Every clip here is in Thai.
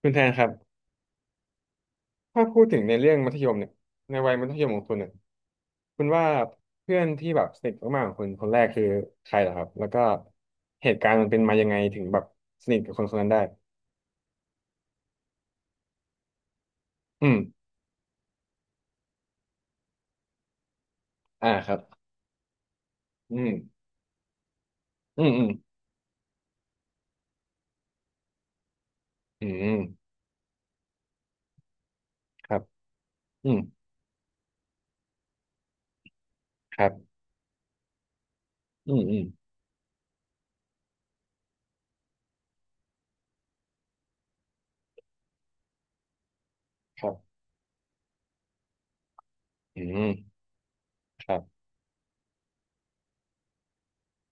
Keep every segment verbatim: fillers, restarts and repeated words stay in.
คุณแทนครับ ถ้าพูดถึงในเรื่องมัธยมเนี่ยในวัยมัธยมของคุณเนี่ยคุณว่าเพื่อนที่แบบสนิทมากๆของคุณคนแรกคือใครเหรอครับ แล้วก็เหตุการณ์มันเป็นมายังไงถึงแบบสนิทกับคนคนนั้นได้อืมอ่าครับอืมอืมอืมอืมครับอืมครับอืมอืมครับอืมครับ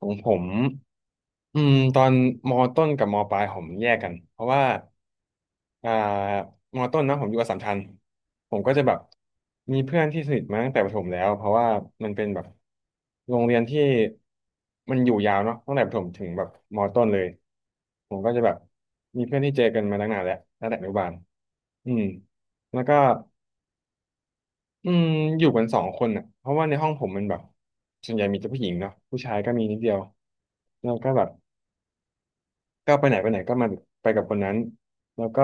ของผม อืมตอนมต้นกับมปลายผมแยกกันเพราะว่าอ่ามอต้นนะผมอยู่อัสสัมชัญผมก็จะแบบมีเพื่อนที่สนิทมาตั้งแต่ประถมแล้วเพราะว่ามันเป็นแบบโรงเรียนที่มันอยู่ยาวเนาะตั้งแต่ประถมถึงแบบมอต้นเลยผมก็จะแบบมีเพื่อนที่เจอกันมาตั้งนานแล้วตั้งแต่อนุบาลอืมแล้วก็อืมอยู่กันสองคนอ่ะเพราะว่าในห้องผมมันแบบส่วนใหญ่มีแต่ผู้หญิงเนาะผู้ชายก็มีนิดเดียวแล้วก็แบบ ก็ไปไหนไปไหนก็มาไปกับคนนั้นแล้วก็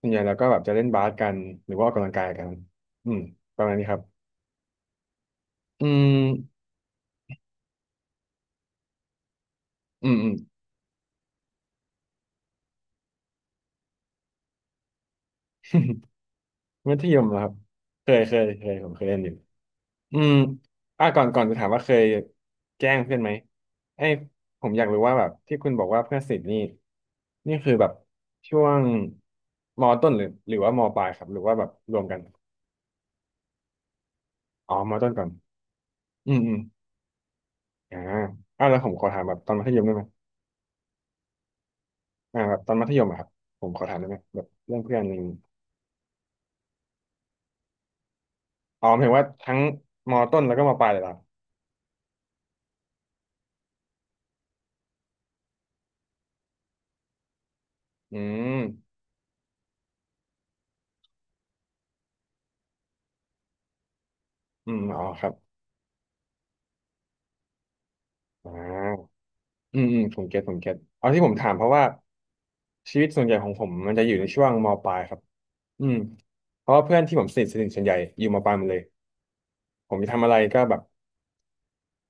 ส่วนใหญ่เราก็แบบจะเล่นบาสกันหรือว่าออกกำลังกายกันอืมประมาณนี้ครับอืมอืมอืม มัธยมเหรอครับเคยเคยเคยผมเคยเล่นอยู่อืมอ่ะก่อนก่อนจะถามว่าเคยแกล้งเพื่อนไหมไอ้ยผมอยากรู้ว่าแบบที่คุณบอกว่าเพื่อนสนิทนี่นี่คือแบบช่วงมต้นหรือหรือว่ามปลายครับหรือว่าแบบรวมกันอ๋อมต้นก่อนอืมอืมอ่าอ่ะแล้วผมขอถามแบบตอนมัธยมได้ไหม อ่าแบบตอนมัธยมอะครับผมขอถามได้ไหมแบบเรื่องเพื่อนอะไรอย่างงี้อ๋อหมายถึงว่าทั้งมต้นแล้วก็มปลายเลยเหรออืมอืมอ๋อครับอ่าอืมอืมผมเก็ตผมเก็ตเอาที่ผมถามเพราะว่าชีวิตส่วนใหญ่ของผมมันจะอยู่ในช่วงมปลายครับอืมเพราะว่าเพื่อนที่ผมสนิทสนิทส่วนใหญ่อยู่มปลายหมดเลยผมจะทำอะไรก็แบบ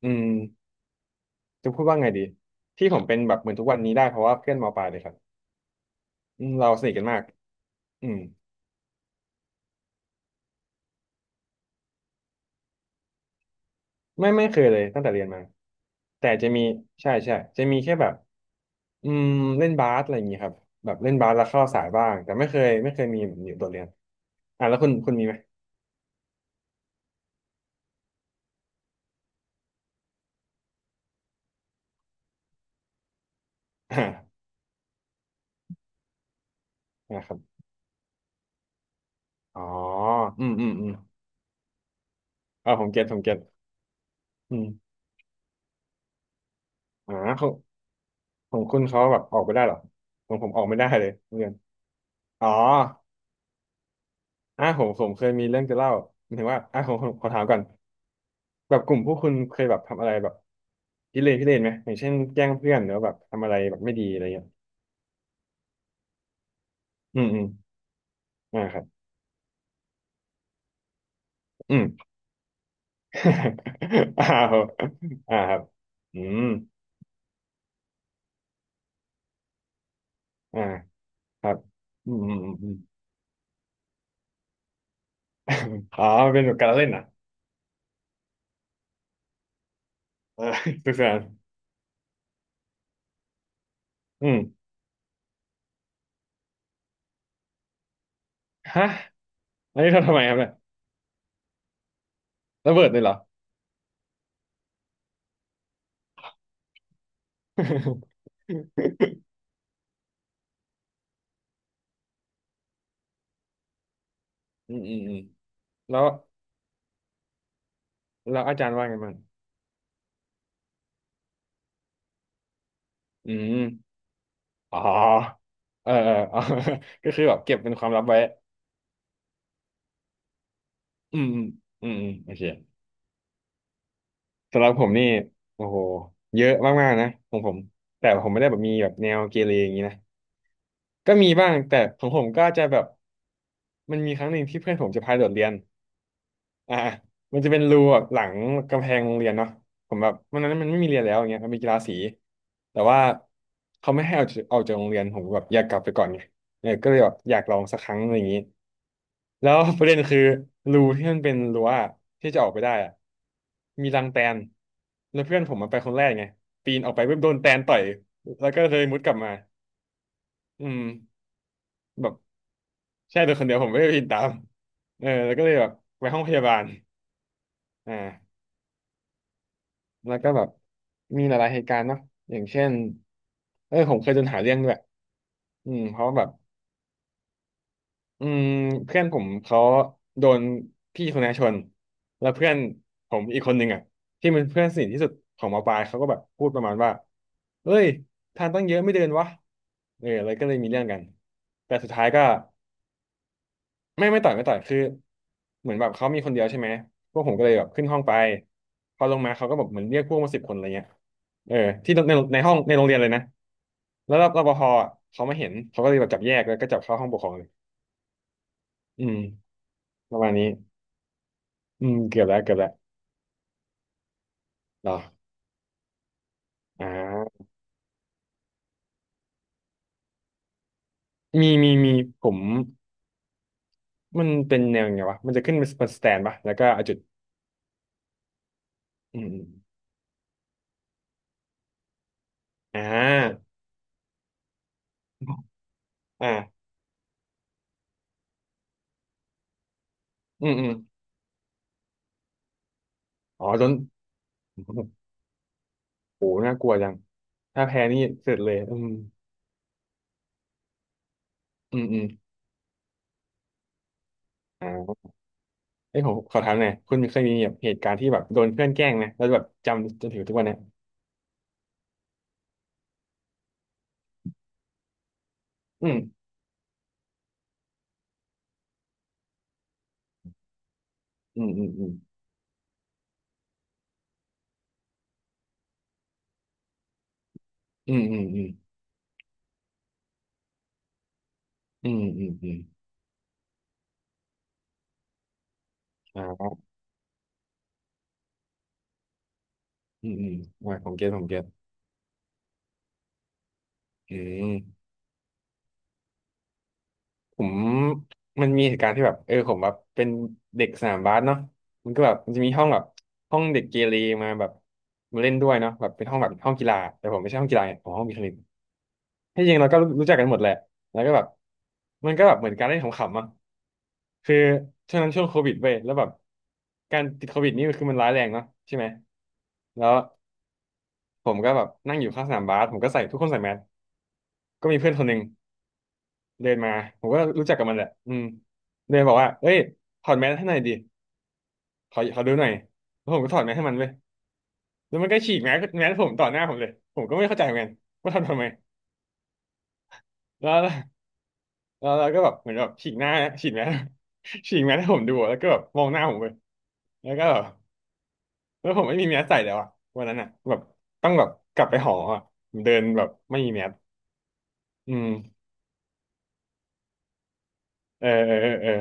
อืมจะพูดว่าไงดีที่ผมเป็นแบบเหมือนทุกวันนี้ได้เพราะว่าเพื่อนมปลายเลยครับอืมเราสนิทกันมากอืม ไม่ไม่เคยเลยตั้งแต่เรียนมาแต่จะมีใช่ใช่จะมีแค่แบบอืมเล่นบาสอะไรอย่างงี้ครับแบบเล่นบาสแล้วเข้าสายบ้างแต่ไม่เคยไม่เคยมีแบบนี้โดดเรียนอ่ะแล้วคุณคุณมีไหมอ่านะครับอ๋ออืมอืมอืมเออผมเก็ตผมเก็ตอืมอ่าของของคุณเขาแบบออกไปได้เหรอของผมออกไม่ได้เลยเรียนอ๋อ อ่ะผมผมเคยมีเรื่องจะเล่าหมายถึงว่าอ่ะผมผมขอถามก่อนแบบกลุ่มพวกคุณเคยแบบทำอะไรแบบพิเรนพิเรนไหมอย่างเช่นแกล้งเพื่อนหรือว่าแบบทำอะไรแบบไม่ดีอะไรเงี้ยอืมอืมอ่าครับอืม อ่าครับอ่าครับอืมอ่าครับอืมอืมอืมอม อ๋อมันเป็นแบบการละเล่นอ่ะเออ สนุกสนานอืมฮะอันนี้ทำทำไมครับเนี่ยระเบิดเลยเหรอ อืมอืมอืมแล้วแล้วอาจารย์ว่าไงบ้างอืม อ๋อเออเออเออ ก็คือแบบเก็บเป็นความลับไว้อืมอืมอืมอืมโอเคสำหรับผมนี่โอ้โหเยอะมากๆนะของผมแต่ผมไม่ได้แบบมีแบบแนวเกเรอย่างนี้นะก็มีบ้างแต่ของผมก็จะแบบมันมีครั้งหนึ่งที่เพื่อนผมจะพาโดดเรียนอ่ามันจะเป็นรูแบบหลังกำแพงโรงเรียนเนาะผมแบบวันนั้นมันไม่มีเรียนแล้วอย่างเงี้ยมันมีกีฬาสีแต่ว่าเขาไม่ให้เอาเอาจากโรงเรียนผมก็แบบอยากกลับไปก่อนไงเออก็เลยแบบอยากลองสักครั้งอะไรอย่างนี้ แล้ว ประเด็นคือรูที่มันเป็นรั้วอะที่จะออกไปได้อะมีรังแตนแล้วเพื่อนผมมันไปคนแรกไงปีนออกไปเพิ่มโดนแตนต่อยแล้วก็เลยมุดกลับมาอืมแบบใช่โดนคนเดียวผมไม่ได้ปีนตามเออแล้วก็เลยแบบไปห้องพยาบาลอ่าแล้วก็แบบมีหลายๆเหตุการณ์เนาะอย่างเช่นเออผมเคยโดนหาเรื่องด้วยอืมเพราะว่าแบบ อืมเพื่อนผมเขาโดนพี่คนนี้ชนแล้วเพื่อนผมอีกคนหนึ่งอ่ะที่เป็นเพื่อนสนิทที่สุดของมปลายเขาก็แบบพูดประมาณว่าเอ้ยทางตั้งเยอะไม่เดินวะเอออะไรก็เลยมีเรื่องกันแต่สุดท้ายก็ไม่ไม่ต่อยไม่ต่อยคือเหมือนแบบเขามีคนเดียวใช่ไหมพวกผมก็เลยแบบขึ้นห้องไปพอลงมาเขาก็แบบเหมือนเรียกพวกมาสิบคนอะไรเงี้ยเออที่ในในห้องในโรงเรียนเลยนะแล้วรปภอะเขามาเห็นเขาก็เลยแบบจับแยกแล้วก็จับเข้าห้องปกครองเลยอืมประมาณนี้ อืมเกือบแล้วเกือบแล้วเหรออ่ามีมีมีผมมันเป็นแนวไงวะมันจะขึ้นเป็นสแตนปะแล้วก็เอาจุดอืมอมอ่าอ่าอืมอืมอ๋อโดน โอ้โหน่ากลัวจังถ้าแพ้นี่เสร็จเลยอืมอืมอืมอ่าเอ้ยผมขอถามหน่อยคุณเคยมีแบบเหตุการณ์ที่แบบโดนเพื่อนแกล้งไหมแล้วแบบจำจนถึงทุกวันเนี้ยอืมอืมอืมอืมอืมอืมอืมอืมอืมอืมอ่าอืมอืมอ่าผมเก็ตผมเก็ตอืม ผมมันมีเหตุการณ์ที่แบบเออผมแบบเป็นเด็กสนามบาสเนาะมันก็แบบมันจะมีห้องแบบห้องเด็กเกเรมาแบบมาเล่นด้วยเนาะแบบเป็นห้องแบบห้องกีฬาแต่ผมไม่ใช่ห้องกีฬาไงผมห้องวิทย์คณิตที่จริงเราก็รู้จักกันหมดแหละแล้วก็แบบมันก็แบบเหมือนการเล่นขำๆอ่ะคือช่วงนั้นช่วงโควิดเว้ยแล้วแบบการติดโควิดนี่คือมันร้ายแรงเนาะใช่ไหมแล้วผมก็แบบนั่งอยู่ข้างสนามบาสผมก็ใส่ทุกคนใส่แมสก็มีเพื่อนคนหนึ่งเดินมาผมก็รู้จักกับมันแหละอืมเดินบอกว่าเอ้ยถอดแมสให้หน่อยดิ ขอขอดูหน่อยแล้วผมก็ถอดแมสให้มันเว้ยแล้วมันก็ฉีกแมสแมสผมต่อหน้าผมเลยผมก็ไม่เข้าใจเหมือนกันว่าทำทำไมแล้วแล้วเราก็แบบเหมือนแบบฉีกหน้าฉีกแมส ฉีกแมสให้ผมดูอะแล้วก็แบบมองหน้าผมไปแล้วก็แบบแล้วผมไม่มีแมสใส่แล้วอ่ะวันนั้นอ่ะแบบต้องแบบกลับไปหออ่ะผมเดินแบบไม่มีแมสอืมเออเออเออเออ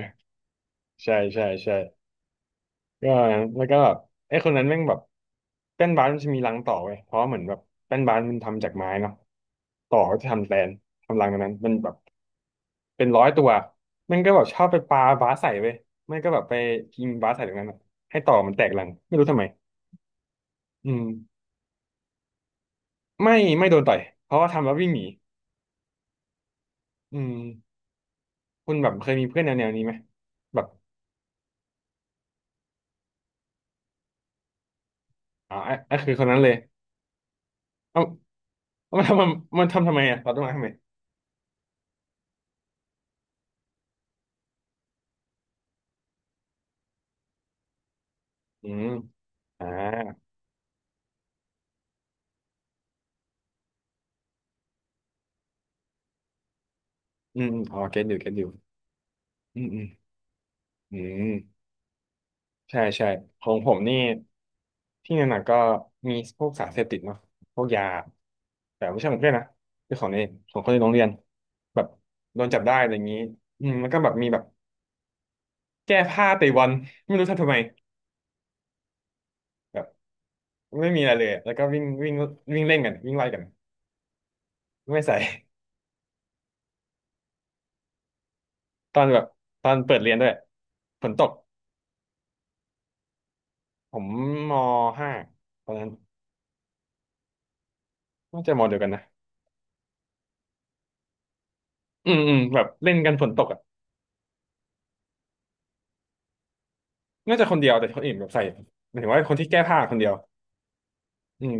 ใช่ใช่ใช่ เรื่องอะไรนะแล้วก็แบบไอ้คนนั้นแม่งแบบแป้นบาสมันจะมีรังต่อเว้ยเพราะเหมือนแบบแป้นบาสมันทำจากไม้เนาะต่อก็จะทำแทนทำรังตรงนั้นมันแบบเป็นร้อยตัวแมันก็แบบชอบไปปาบาสใส่เว้ยไม่ก็แบบไปยิงบาสใส่ตรงนั้นอะให้ต่อมันแตกรังไม่รู้ทำไมอืมไม่ไม่โดนต่อยเพราะว่าทำแล้ววิ่งหนีอืมคุณแบบเคยมีเพื่อนแนวแนวนี้ไหมแบบอ๋อไอ้ไอ้คือคนนั้นเลยเอ้าเอามันทำมันทำทำไมอ่ะเราต้องมาทำไมอืมอ่าอืมอืมอ๋อเก็ตอยู่เก็ตอยู่อืมอืม อืมใช่ใช่ของผมนี่ที่หนักๆก็มีพวกสารเสพติดเนาะพวกยาแต่ไม่ใช่ของเพื่อนนะคือของในของคนในโรงเรียนแบบโดนจับได้อะไรอย่างนี้อืมแล้วก็แบบมีแบบแก้ผ้าเตะบอลไม่รู้ทำทำไมแบบไม่มีอะไรเลยอะแล้วก็วิ่งวิ่งวิ่งเล่นกันวิ่งไล่กันไม่ใส่ ตอนแบบตอนเปิดเรียนด้วยฝนตกผมมห้าตอนนั้นน่าจะมเดียวกันนะอืมอืมแบบเล่นกันฝนตกอะ น่าจะคนเดียวแต่คนอื่นแบบใส่หมายถึงว่าคนที่แก้ผ้าคนเดียวอืม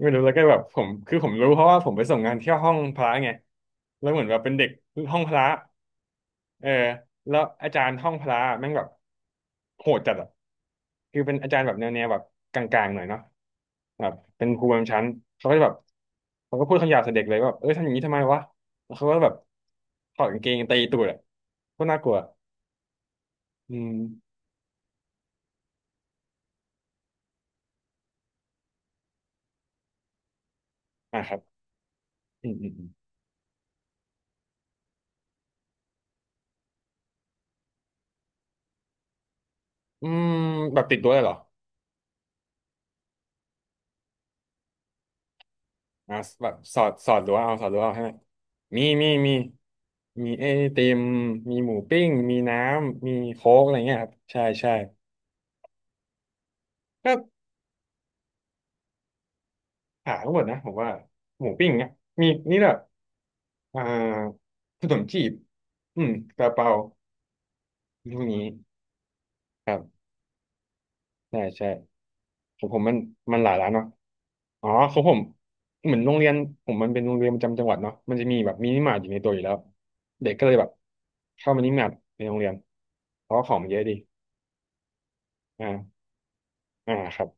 ไม่รู้แล้วก็แบบผมคือผมรู้เพราะว่าผมไปส่งงานที่ห้องพระไงแล้วเหมือนแบบเป็นเด็กห้องพระเออแล้วอาจารย์ห้องพระแม่งแบบโหดจัดอ่ะคือเป็นอาจารย์แบบแนวแนวแบบกลางๆหน่อยเนาะแบบเป็นครูประจำชั้นเขาก็จะแบบเขาก็พูดคำหยาบใส่เด็กเลยว่าแบบเอ้ยทำอย่างนี้ทำไมวะแล้วเขาก็แบบถอดกางเกงตีตูดอ่ะก็น่ากลัว อืมอ่ะครับอืมอืม อืมแบบติดรั้วเลยเหรออ่ะแบบสอดสอดรั้วเอาสอดรั้วเอาให้ไหมมีมีมีมีไอติมมีหมูปิ้งมีน้ำมีโค้กอะไรเงี้ยครับใช่ใช่ก็หาทั้งหมดนะผมว่าหมูปิ้งเนี่ยมีนี่แหละอ่าขนมจีบอืมซาลาเปาพวกนี้ครับใช่ใช่ผมผมมันมันหลายร้านเนาะ อ๋อของผมเหมือนโรงเรียนผมมันเป็นโรงเรียนประจำจังหวัดเนาะมันจะมีแบบมินิมาร์ทอยู่ในตัวอยู่แล้วเด็กก็เลยแบบเข้ามินิมาร์ทในโรงเรียนเพราะว่าของมันเยอะดีอ่าอ่าครับ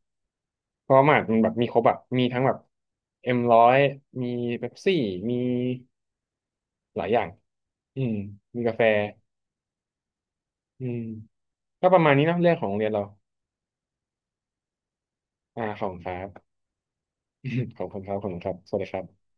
เพราะว่ามาร์ทมันแบบมีครบอะมีทั้งแบบเอ็มร้อยมีเป๊ปซี่มีหลายอย่างอืมมีกาแฟอืมก็ประมาณนี้เนอะเรื่องของโรงเรียนเราอ่าขอบคุณครับ ขอบคุณครับขอบคุณครับสวัสดีครับ